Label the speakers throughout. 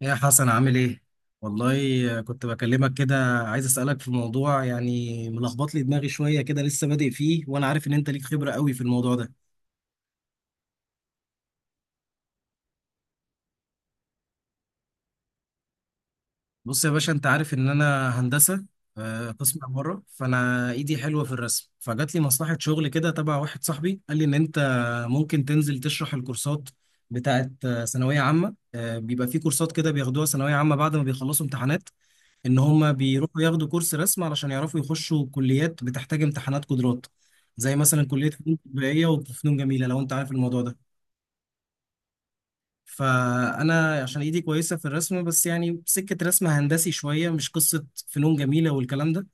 Speaker 1: يا حسن عامل ايه؟ والله كنت بكلمك كده عايز اسألك في موضوع يعني ملخبط لي دماغي شوية كده لسه بادئ فيه وانا عارف ان انت ليك خبرة قوي في الموضوع ده. بص يا باشا، انت عارف ان انا هندسة، قسم عمارة، فانا ايدي حلوة في الرسم، فجات لي مصلحة شغل كده تبع واحد صاحبي، قال لي ان انت ممكن تنزل تشرح الكورسات بتاعت ثانوية عامة. بيبقى في كورسات كده بياخدوها ثانوية عامة بعد ما بيخلصوا امتحانات، ان هم بيروحوا ياخدوا كورس رسم علشان يعرفوا يخشوا كليات بتحتاج امتحانات قدرات، زي مثلا كلية فنون تطبيقية وفنون جميلة، لو انت عارف الموضوع ده. فانا عشان ايدي كويسة في الرسم، بس يعني سكة رسم هندسي شوية، مش قصة فنون جميلة والكلام ده.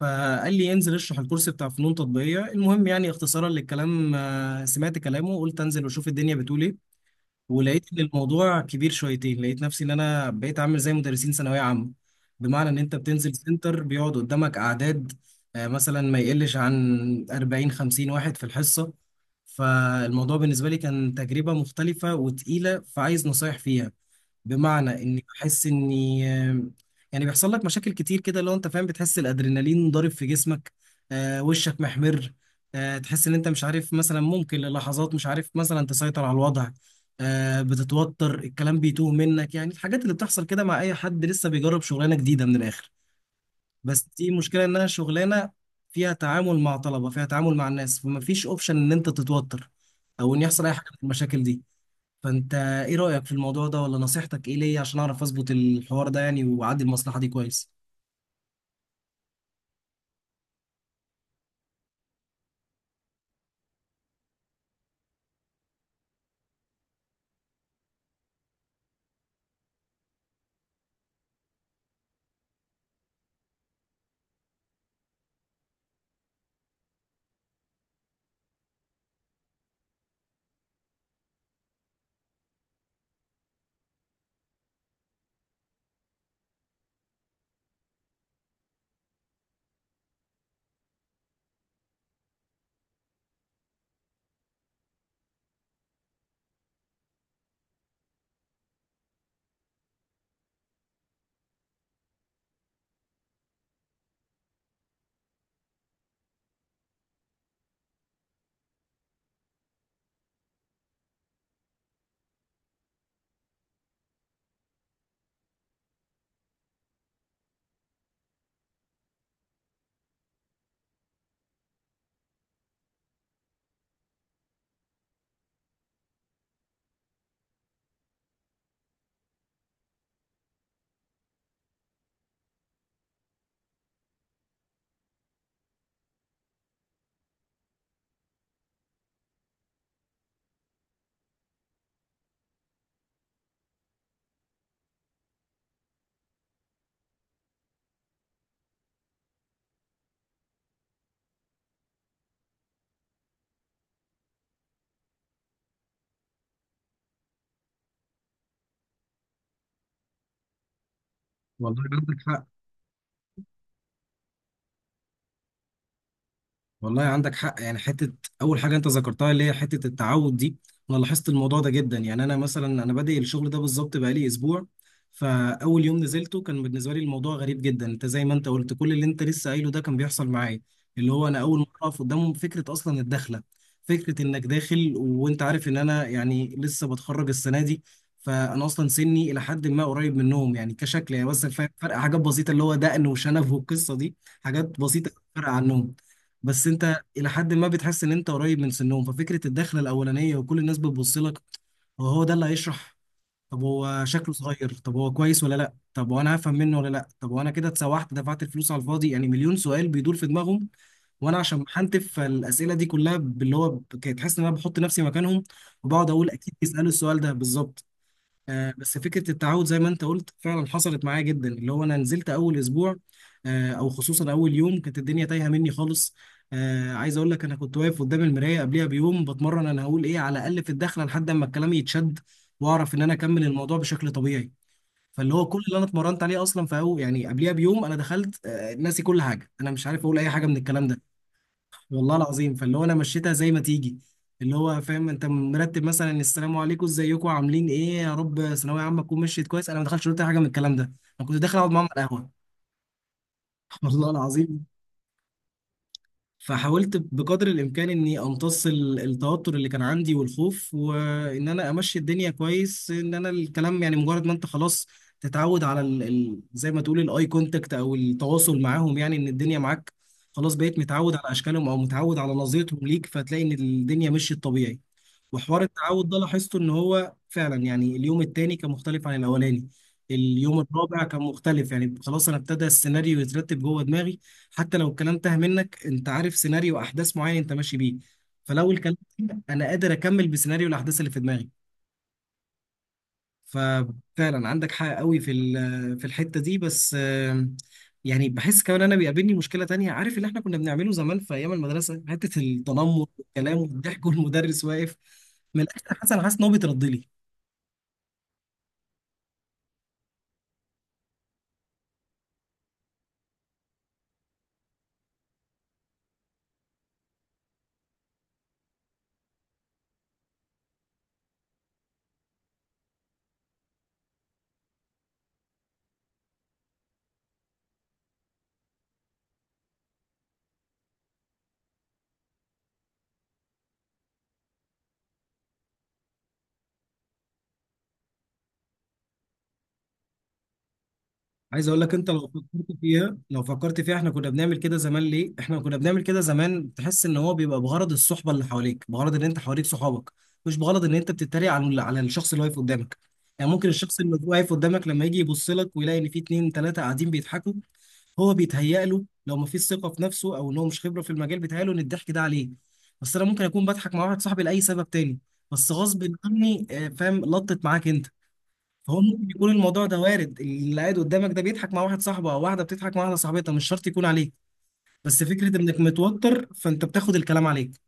Speaker 1: فقال لي انزل اشرح الكورس بتاع فنون تطبيقية. المهم، يعني اختصارا للكلام، سمعت كلامه وقلت انزل واشوف الدنيا بتقول ايه. ولقيت ان الموضوع كبير شويتين، لقيت نفسي ان انا بقيت عامل زي مدرسين ثانويه عامه، بمعنى ان انت بتنزل سنتر بيقعد قدامك اعداد، مثلا ما يقلش عن 40 50 واحد في الحصه. فالموضوع بالنسبه لي كان تجربه مختلفه وتقيله، فعايز نصايح فيها. بمعنى اني بحس اني يعني بيحصل لك مشاكل كتير كده، لو انت فاهم، بتحس الادرينالين ضارب في جسمك، آه، وشك محمر، آه، تحس ان انت مش عارف مثلا، ممكن للحظات مش عارف مثلا تسيطر على الوضع، آه، بتتوتر، الكلام بيتوه منك، يعني الحاجات اللي بتحصل كده مع اي حد لسه بيجرب شغلانة جديدة. من الاخر، بس دي مشكلة، انها شغلانة فيها تعامل مع طلبة، فيها تعامل مع الناس، فما فيش اوبشن ان انت تتوتر او ان يحصل اي حاجة من المشاكل دي. فانت ايه رأيك في الموضوع ده، ولا نصيحتك ايه ليا عشان اعرف اظبط الحوار ده يعني واعدي المصلحة دي كويس. والله عندك حق. والله عندك حق. يعني حته، اول حاجه انت ذكرتها اللي هي حته التعود دي، انا لاحظت الموضوع ده جدا. يعني انا مثلا، انا بادئ الشغل ده بالظبط بقالي اسبوع. فاول يوم نزلته كان بالنسبه لي الموضوع غريب جدا. انت زي ما انت قلت، كل اللي انت لسه قايله ده كان بيحصل معايا، اللي هو انا اول مره اقف قدامهم. فكره اصلا الدخله، فكره انك داخل، وانت عارف ان انا يعني لسه بتخرج السنه دي، فانا اصلا سني الى حد ما قريب منهم، يعني كشكل يعني، بس الفرق فرق حاجات بسيطه، اللي هو دقن وشنب والقصه دي، حاجات بسيطه فرق عنهم. بس انت الى حد ما بتحس ان انت قريب من سنهم، ففكره الدخله الاولانيه وكل الناس بتبص لك، هو هو ده اللي هيشرح، طب هو شكله صغير، طب هو كويس ولا لا، طب وانا هفهم منه ولا لا، طب وانا كده اتسوحت دفعت الفلوس على الفاضي، يعني مليون سؤال بيدور في دماغهم. وانا عشان بحنتف فالاسئله دي كلها، باللي هو كنت تحس ان انا بحط نفسي مكانهم، وبقعد اقول اكيد بيسالوا السؤال ده بالظبط. بس فكرة التعود زي ما انت قلت فعلا حصلت معايا جدا، اللي هو انا نزلت اول اسبوع، او خصوصا اول يوم كانت الدنيا تايهة مني خالص. عايز اقول لك، انا كنت واقف قدام المراية قبلها بيوم بتمرن، انا هقول ايه على الاقل في الدخلة لحد اما الكلام يتشد واعرف ان انا اكمل الموضوع بشكل طبيعي. فاللي هو كل اللي انا اتمرنت عليه اصلا في أول، يعني قبلها بيوم، انا دخلت ناسي كل حاجة، انا مش عارف اقول اي حاجة من الكلام ده. والله العظيم. فاللي هو انا مشيتها زي ما تيجي، اللي هو فاهم، انت مرتب مثلا السلام عليكم، ازيكم، عاملين ايه، يا رب ثانويه عامه تكون مشيت كويس. انا ما دخلتش قلت حاجه من الكلام ده، انا كنت داخل اقعد معاهم على القهوه. والله العظيم. فحاولت بقدر الامكان اني امتص التوتر اللي كان عندي والخوف، وان انا امشي الدنيا كويس، ان انا الكلام يعني مجرد ما انت خلاص تتعود على ال زي ما تقول الاي كونتاكت او التواصل معاهم، يعني ان الدنيا معاك، خلاص بقيت متعود على اشكالهم او متعود على نظرتهم ليك، فتلاقي ان الدنيا مشيت طبيعي. وحوار التعود ده لاحظته ان هو فعلا، يعني اليوم التاني كان مختلف عن الاولاني، اليوم الرابع كان مختلف، يعني خلاص انا ابتدى السيناريو يترتب جوه دماغي. حتى لو الكلام تاه منك، انت عارف سيناريو احداث معين انت ماشي بيه، فلو الكلام تاه، انا قادر اكمل بسيناريو الاحداث اللي في دماغي. ففعلا عندك حق قوي في في الحته دي. بس يعني بحس كمان انا بيقابلني مشكله تانية، عارف اللي احنا كنا بنعمله زمان في ايام المدرسه، حته التنمر والكلام والضحك والمدرس واقف. من الاخر، حسن حاسس ان هو بيترد لي. عايز اقول لك، انت لو فكرت فيها، احنا كنا بنعمل كده زمان ليه، احنا كنا بنعمل كده زمان تحس ان هو بيبقى بغرض الصحبه اللي حواليك، بغرض ان انت حواليك صحابك، مش بغرض ان انت بتتريق على الشخص اللي واقف قدامك. يعني ممكن الشخص اللي واقف قدامك لما يجي يبص لك ويلاقي ان في اتنين تلاته قاعدين بيضحكوا، هو بيتهيأ له، لو ما فيش ثقه في نفسه او ان هو مش خبره في المجال، بيتهيأ له ان الضحك ده عليه. بس انا ممكن اكون بضحك مع واحد صاحبي لاي سبب تاني، بس غصب عني فاهم، لطت معاك انت. فهو ممكن يكون الموضوع ده وارد، اللي قاعد قدامك ده بيضحك مع واحد صاحبه، او واحده بتضحك مع واحده صاحبتها، مش شرط يكون عليك، بس فكره انك متوتر فانت بتاخد الكلام عليك.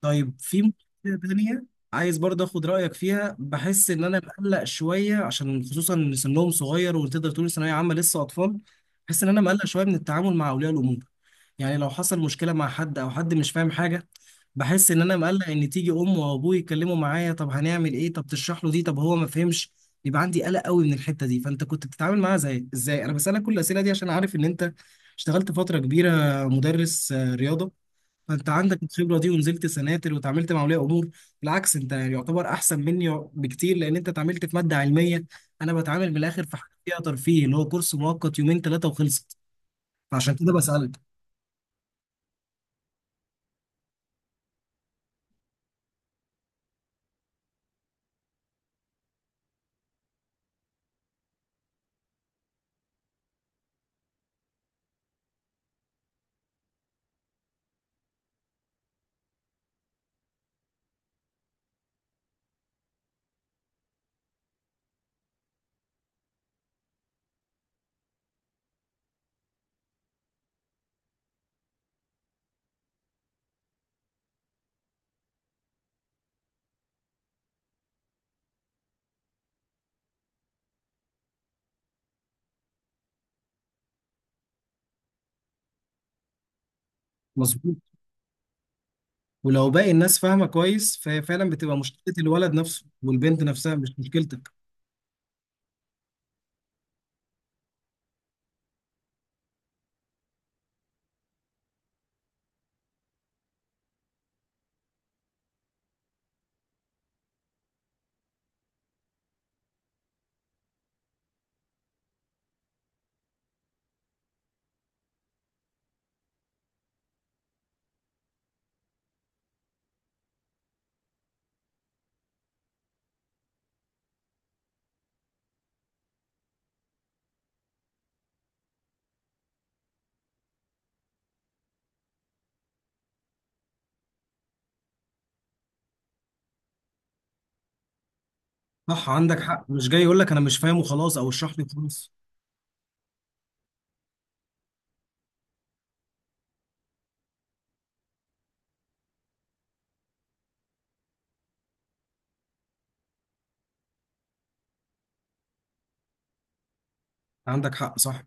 Speaker 1: طيب، في مشكلة تانية عايز برضه اخد رأيك فيها. بحس ان انا مقلق شوية، عشان خصوصا ان سنهم صغير وتقدر تقول ثانوية عامة لسه اطفال. بحس ان انا مقلق شوية من التعامل مع اولياء الامور، يعني لو حصل مشكلة مع حد او حد مش فاهم حاجة، بحس ان انا مقلق ان تيجي ام وابوي يتكلموا معايا، طب هنعمل ايه، طب تشرح له دي، طب هو ما فهمش. يبقى عندي قلق قوي من الحتة دي. فانت كنت بتتعامل معاها زي ازاي؟ انا بسألك كل الأسئلة دي عشان عارف ان انت اشتغلت فترة كبيرة مدرس رياضة، فانت عندك الخبره دي ونزلت سناتر وتعاملت مع اولياء امور. بالعكس، انت يعني يعتبر احسن مني بكتير، لان انت اتعاملت في ماده علميه، انا بتعامل من الاخر في حاجه فيها ترفيه، اللي هو كورس مؤقت يومين ثلاثه وخلصت. فعشان كده بسالك. مظبوط. ولو باقي الناس فاهمه كويس، فهي فعلا بتبقى مشكله الولد نفسه والبنت نفسها، مش مشكلتك. صح، عندك حق، مش جاي يقول لك انا مش فاهم وخلاص، او اشرح لي وخلاص. عندك حق، صح.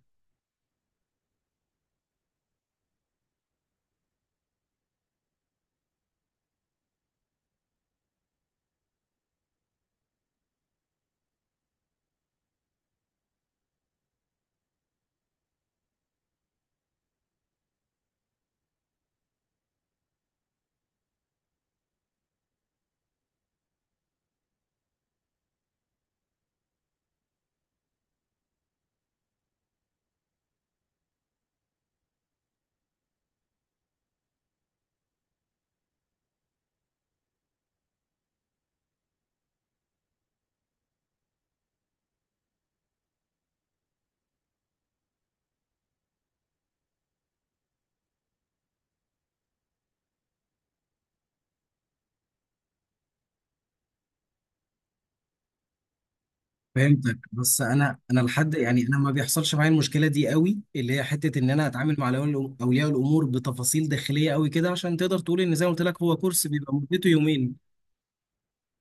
Speaker 1: فهمتك. بس انا لحد، يعني انا ما بيحصلش معايا المشكله دي قوي، اللي هي حته ان انا اتعامل مع أولياء الامور بتفاصيل داخليه قوي كده، عشان تقدر تقول ان زي ما قلت لك هو كورس بيبقى مدته يومين.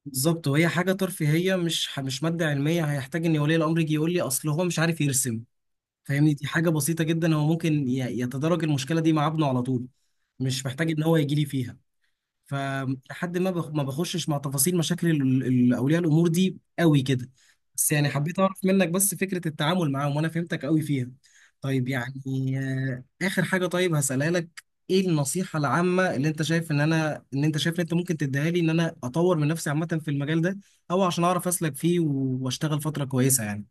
Speaker 1: بالظبط، وهي حاجه ترفيهيه، مش مش ماده علميه هيحتاج ان ولي الامر يجي يقول لي اصل هو مش عارف يرسم. فاهمني، دي حاجه بسيطه جدا، هو ممكن يتدرج المشكله دي مع ابنه على طول، مش محتاج ان هو يجي لي فيها. فلحد ما ما بخشش مع تفاصيل مشاكل اولياء الامور دي قوي كده. بس يعني حبيت اعرف منك بس فكرة التعامل معاهم، وانا فهمتك قوي فيها. طيب يعني آه، اخر حاجة طيب هسألها لك: ايه النصيحة العامة اللي انت شايف ان انا، ان انت ممكن تديها لي، ان انا اطور من نفسي عامة في المجال ده، او عشان اعرف اسلك فيه واشتغل فترة كويسة يعني.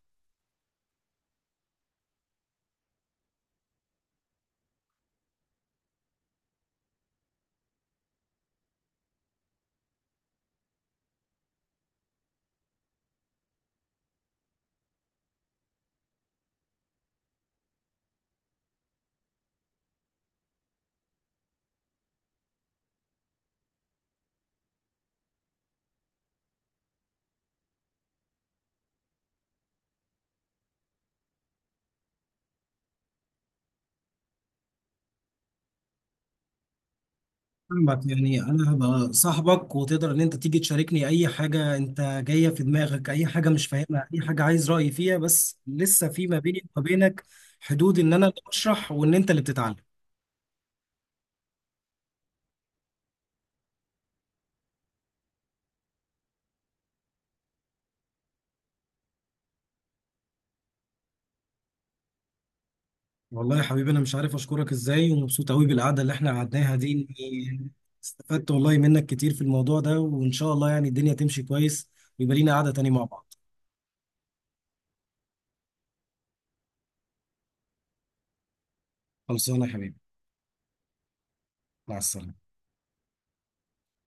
Speaker 1: فاهمك، يعني انا هبقى صاحبك، وتقدر ان انت تيجي تشاركني اي حاجه انت جايه في دماغك، اي حاجه مش فاهمها، اي حاجه عايز رايي فيها، بس لسه في ما بيني وما بينك حدود، ان انا اللي بشرح وان انت اللي بتتعلم. والله يا حبيبي، انا مش عارف اشكرك ازاي، ومبسوط قوي بالقعده اللي احنا قعدناها دي. إني استفدت والله منك كتير في الموضوع ده، وان شاء الله يعني الدنيا تمشي كويس ويبقى لينا قعده تاني مع بعض. خلصانه يا حبيبي، مع السلامه.